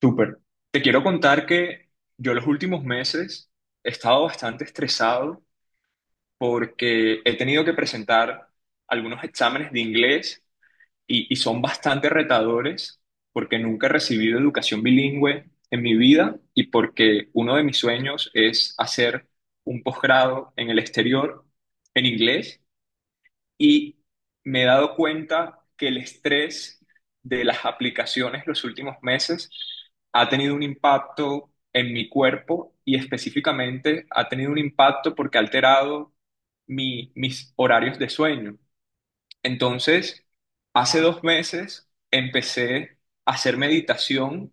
Súper. Te quiero contar que yo los últimos meses he estado bastante estresado porque he tenido que presentar algunos exámenes de inglés y son bastante retadores porque nunca he recibido educación bilingüe en mi vida y porque uno de mis sueños es hacer un posgrado en el exterior en inglés y me he dado cuenta que el estrés de las aplicaciones los últimos meses ha tenido un impacto en mi cuerpo y específicamente ha tenido un impacto porque ha alterado mis horarios de sueño. Entonces, hace 2 meses empecé a hacer meditación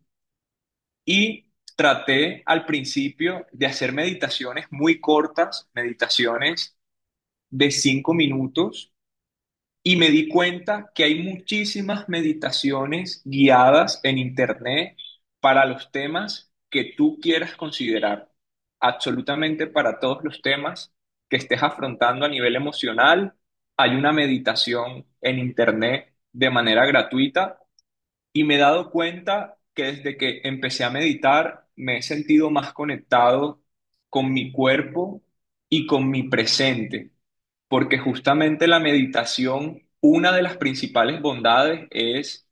y traté al principio de hacer meditaciones muy cortas, meditaciones de 5 minutos y me di cuenta que hay muchísimas meditaciones guiadas en Internet para los temas que tú quieras considerar, absolutamente para todos los temas que estés afrontando a nivel emocional. Hay una meditación en Internet de manera gratuita y me he dado cuenta que desde que empecé a meditar me he sentido más conectado con mi cuerpo y con mi presente. Porque justamente la meditación, una de las principales bondades es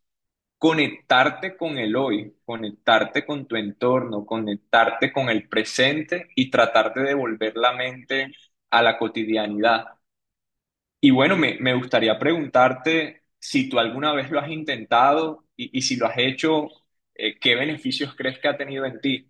conectarte con el hoy, conectarte con tu entorno, conectarte con el presente y tratar de devolver la mente a la cotidianidad. Y bueno, me gustaría preguntarte si tú alguna vez lo has intentado y si lo has hecho, ¿qué beneficios crees que ha tenido en ti?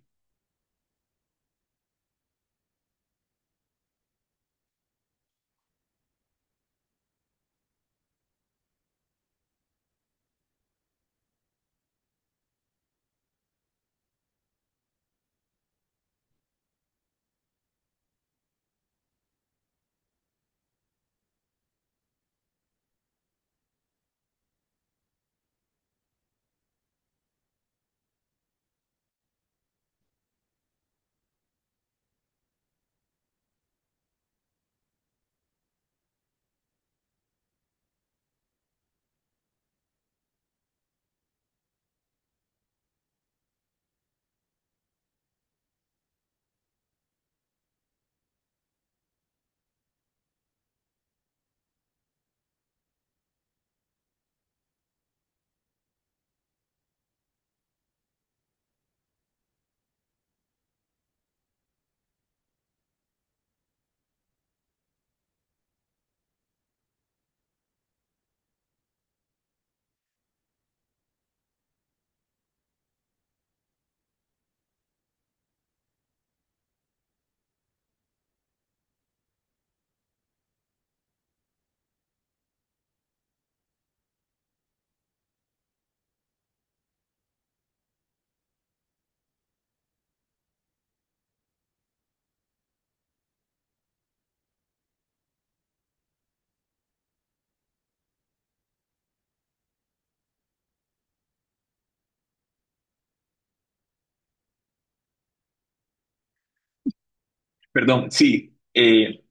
Perdón, sí,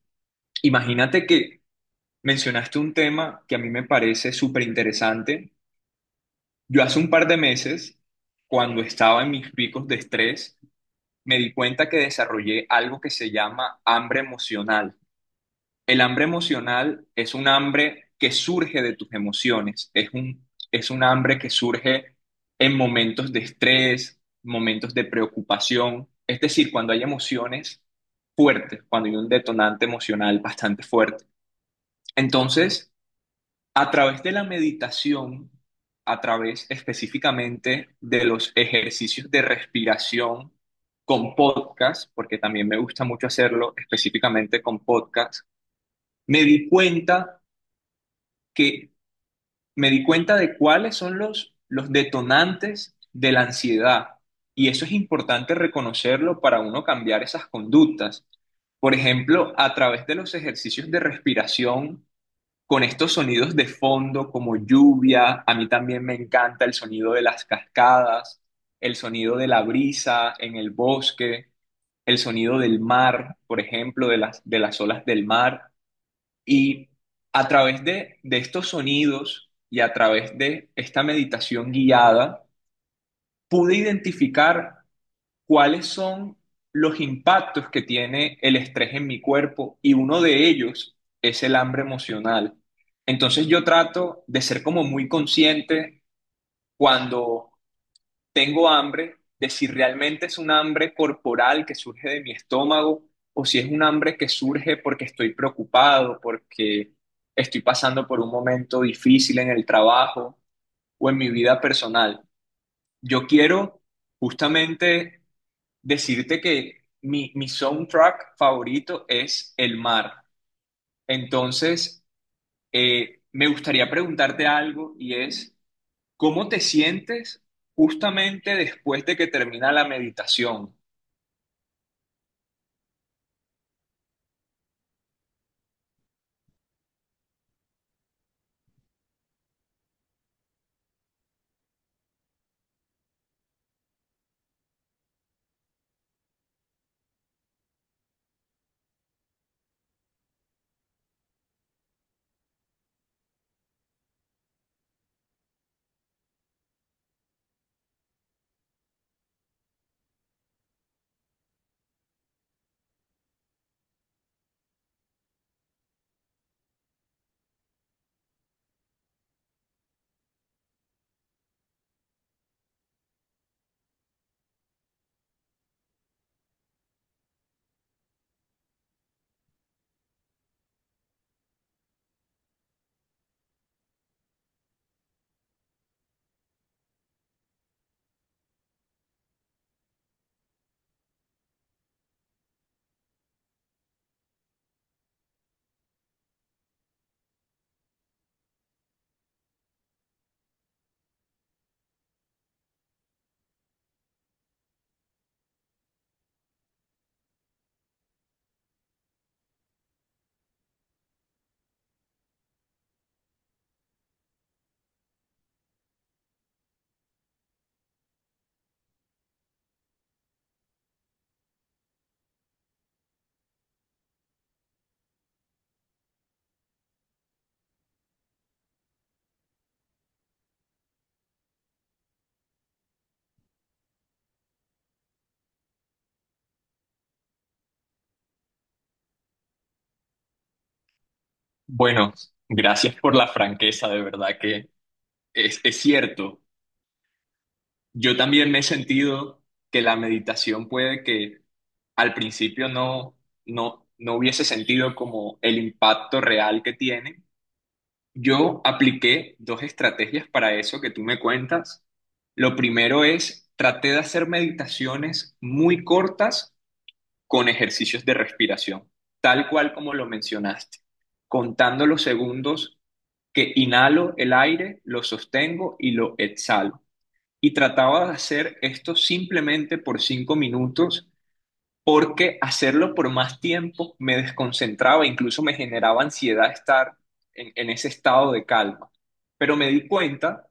imagínate que mencionaste un tema que a mí me parece súper interesante. Yo hace un par de meses, cuando estaba en mis picos de estrés, me di cuenta que desarrollé algo que se llama hambre emocional. El hambre emocional es un hambre que surge de tus emociones, es un hambre que surge en momentos de estrés, momentos de preocupación, es decir, cuando hay emociones fuertes, cuando hay un detonante emocional bastante fuerte. Entonces, a través de la meditación, a través específicamente de los ejercicios de respiración con podcast, porque también me gusta mucho hacerlo específicamente con podcast, me di cuenta que me di cuenta de cuáles son los detonantes de la ansiedad. Y eso es importante reconocerlo para uno cambiar esas conductas. Por ejemplo, a través de los ejercicios de respiración, con estos sonidos de fondo como lluvia. A mí también me encanta el sonido de las cascadas, el sonido de la brisa en el bosque, el sonido del mar, por ejemplo, de de las olas del mar. Y a través de estos sonidos y a través de esta meditación guiada, pude identificar cuáles son los impactos que tiene el estrés en mi cuerpo y uno de ellos es el hambre emocional. Entonces yo trato de ser como muy consciente cuando tengo hambre, de si realmente es un hambre corporal que surge de mi estómago o si es un hambre que surge porque estoy preocupado, porque estoy pasando por un momento difícil en el trabajo o en mi vida personal. Yo quiero justamente decirte que mi soundtrack favorito es el mar. Entonces, me gustaría preguntarte algo y es, ¿cómo te sientes justamente después de que termina la meditación? Bueno, gracias por la franqueza, de verdad que es cierto. Yo también me he sentido que la meditación puede que al principio no hubiese sentido como el impacto real que tiene. Yo apliqué dos estrategias para eso que tú me cuentas. Lo primero es, traté de hacer meditaciones muy cortas con ejercicios de respiración, tal cual como lo mencionaste, contando los segundos que inhalo el aire, lo sostengo y lo exhalo. Y trataba de hacer esto simplemente por 5 minutos porque hacerlo por más tiempo me desconcentraba, incluso me generaba ansiedad estar en ese estado de calma. Pero me di cuenta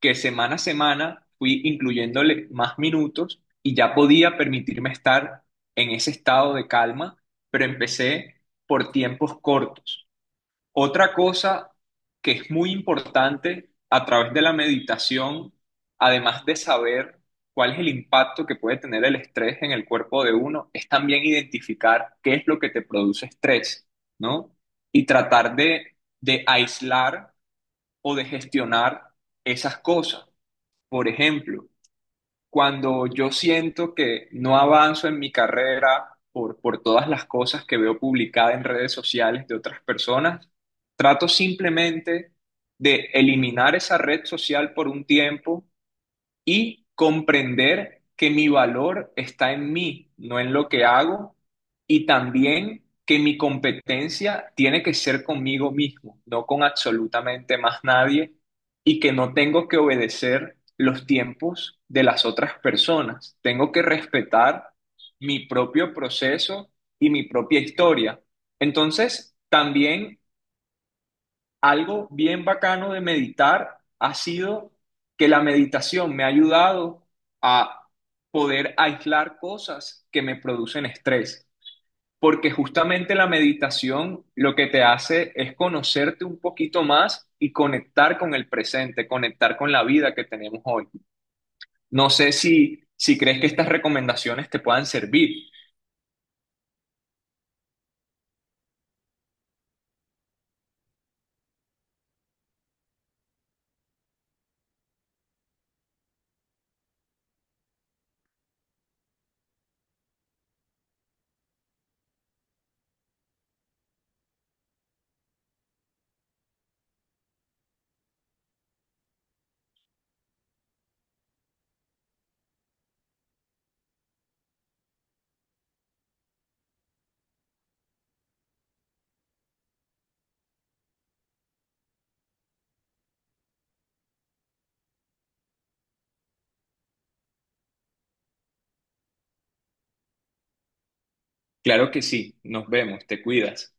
que semana a semana fui incluyéndole más minutos y ya podía permitirme estar en ese estado de calma, pero empecé por tiempos cortos. Otra cosa que es muy importante a través de la meditación, además de saber cuál es el impacto que puede tener el estrés en el cuerpo de uno, es también identificar qué es lo que te produce estrés, ¿no? Y tratar de aislar o de gestionar esas cosas. Por ejemplo, cuando yo siento que no avanzo en mi carrera por todas las cosas que veo publicadas en redes sociales de otras personas, trato simplemente de eliminar esa red social por un tiempo y comprender que mi valor está en mí, no en lo que hago, y también que mi competencia tiene que ser conmigo mismo, no con absolutamente más nadie, y que no tengo que obedecer los tiempos de las otras personas. Tengo que respetar mi propio proceso y mi propia historia. Entonces, también algo bien bacano de meditar ha sido que la meditación me ha ayudado a poder aislar cosas que me producen estrés, porque justamente la meditación lo que te hace es conocerte un poquito más y conectar con el presente, conectar con la vida que tenemos hoy. No sé si crees que estas recomendaciones te puedan servir. Claro que sí, nos vemos, te cuidas.